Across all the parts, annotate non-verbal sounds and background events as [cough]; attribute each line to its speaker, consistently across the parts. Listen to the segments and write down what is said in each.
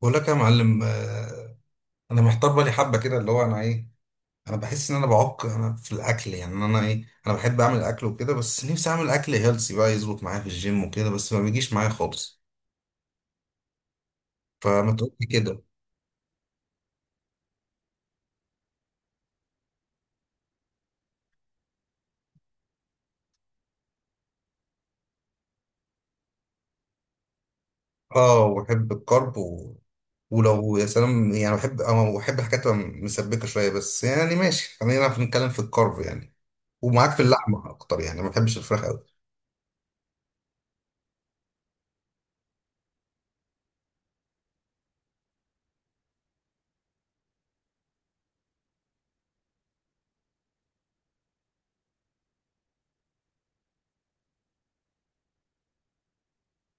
Speaker 1: بقول لك يا معلم، انا محتار بالي حبه كده، اللي هو انا بحس ان انا في الاكل. يعني انا بحب اعمل اكل وكده، بس نفسي اعمل اكل هيلسي بقى يظبط معايا في الجيم وكده، بس ما بيجيش معايا خالص. فما تقول لي كده. اه، وبحب الكرب ولو يا سلام، يعني بحب، بحب الحاجات تبقى مسبكه شويه، بس يعني ماشي، خلينا نتكلم في الكرب يعني، ومعاك في اللحمه اكتر، يعني ما بحبش الفراخ قوي.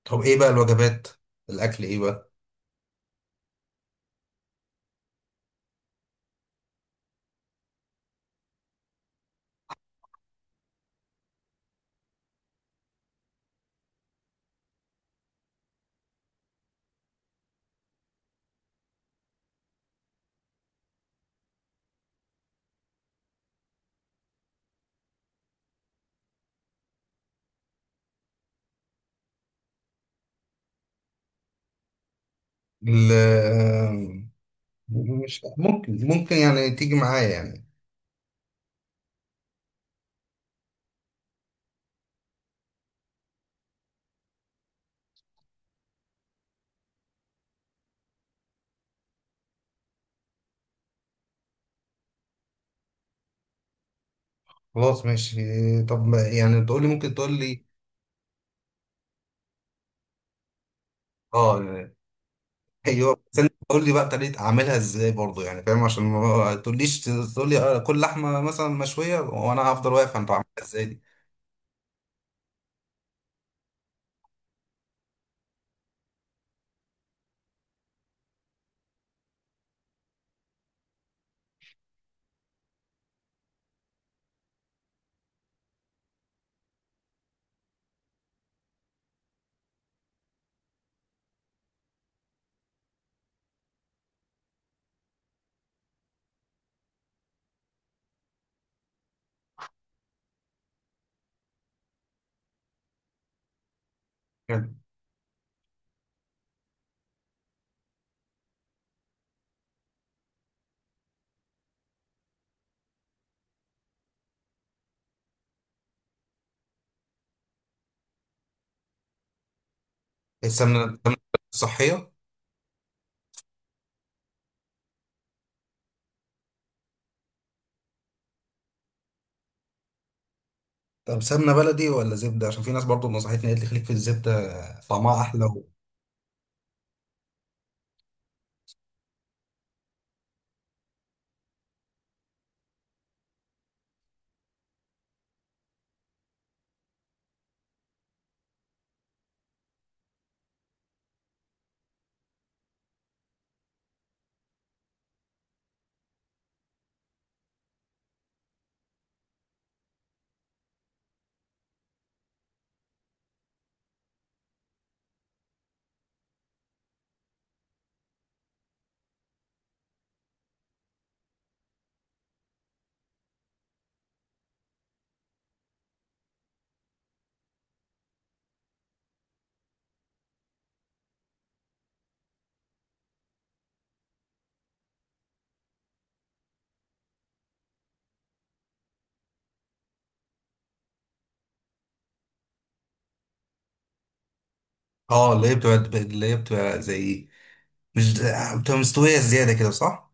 Speaker 1: طب ايه بقى الوجبات؟ الاكل ايه بقى؟ ال- مش ممكن يعني تيجي معايا يعني. خلاص ماشي. طب يعني تقول لي، ممكن تقول لي. اه، ايوه، بس انت تقول لي بقى طريقه اعملها ازاي برضه، يعني فاهم، عشان ما تقوليش تقول لي كل لحمه مثلا مشويه وانا هفضل واقف انت عاملها ازاي دي. يعني السمنة صحيه؟ طب سمنه بلدي ولا زبده؟ عشان في ناس برضه نصحتني، قالت لي خليك في الزبده، طعمها احلى اه. اللي هي بتبقى زي، مش بتبقى مستوية زيادة كده، صح؟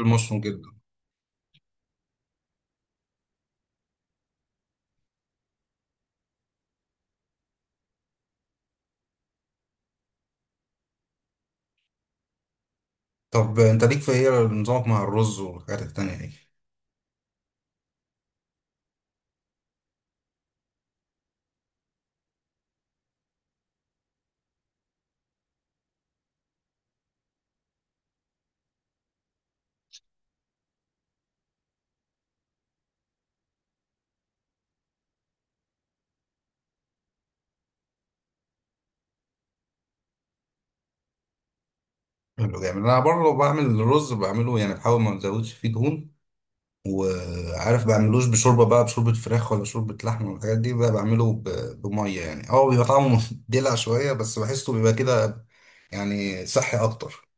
Speaker 1: المشروم جدا. طب انت ليك في ايه نظامك مع الرز والحاجات التانية دي؟ حلو جامد. انا برضه بعمل الرز، بعمله يعني بحاول ما ازودش فيه دهون، وعارف بعملوش بشوربه بقى، بشوربه فراخ ولا شوربه لحمه والحاجات دي بقى، بعمله بميه يعني، اه بيبقى طعمه [laughs] دلع شويه، بس بحسه بيبقى كده، يعني صحي اكتر.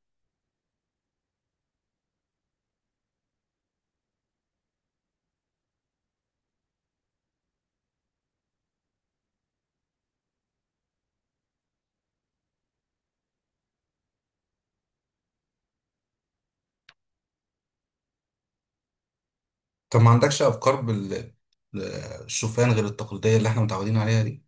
Speaker 1: طب ما عندكش افكار بال بالشوفان غير التقليديه اللي احنا متعودين عليها دي؟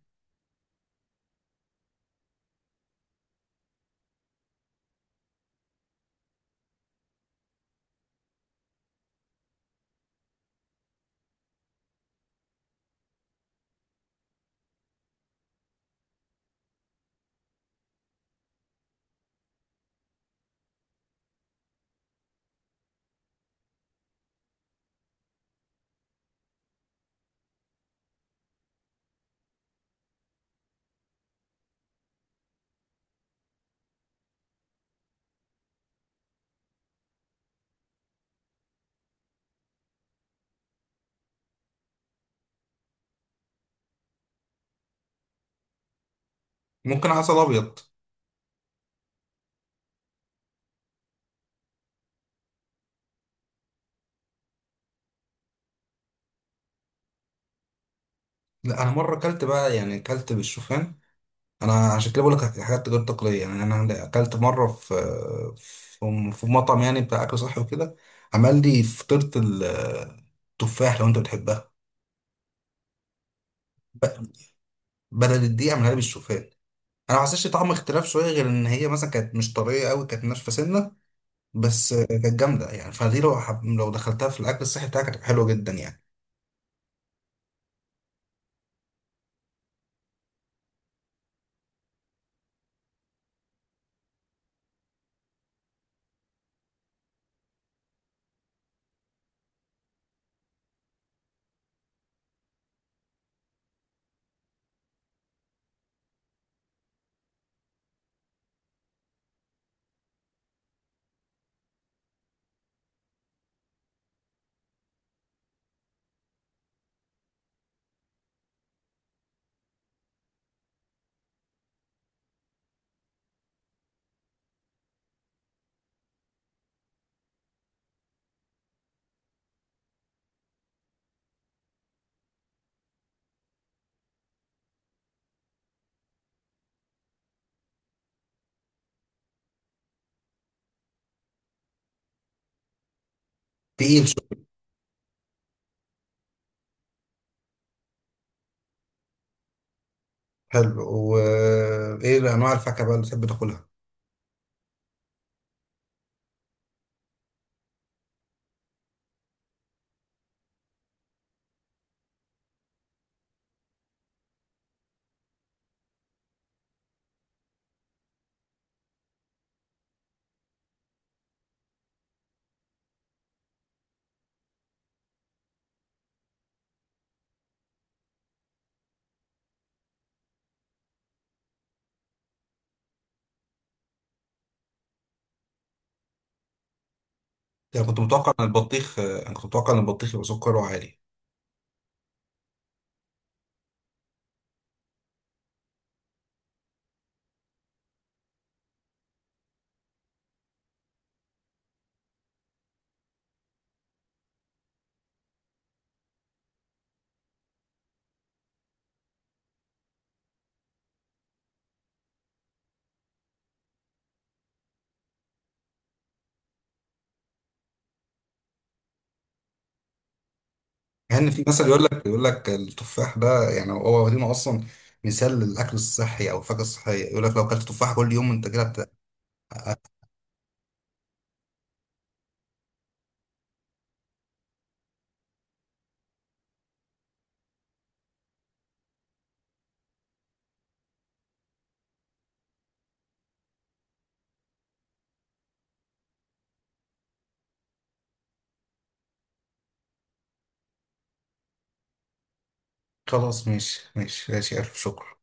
Speaker 1: ممكن عسل ابيض. لا، انا مره اكلت بقى، يعني اكلت بالشوفان. انا عشان كده بقول لك حاجات غير تقليديه، يعني انا اكلت مره في في مطعم يعني بتاع اكل صحي وكده، عمل لي فطيره التفاح، لو انت بتحبها بدل الدقيق اعملها لي بالشوفان. انا ما حسيتش طعم اختلاف شويه، غير ان هي مثلا كانت مش طريه قوي، كانت ناشفه سنه بس، كانت جامده يعني. فدي لو لو دخلتها في الاكل الصحي بتاعك، هتبقى حلوه جدا يعني. تقيل شويه. حلو. وايه انواع الفاكهه بقى اللي بتحب تاكلها؟ يعني كنت متوقع ان البطيخ، انا كنت متوقع ان البطيخ يبقى سكره عالي. يعني في مثل، يقول لك التفاح ده، يعني هو واخدينه اصلا مثال للاكل الصحي او الفاكهه الصحيه، يقول لك لو اكلت تفاح كل يوم انت كده هت- خلاص، ماشي ماشي ماشي، الف شكر.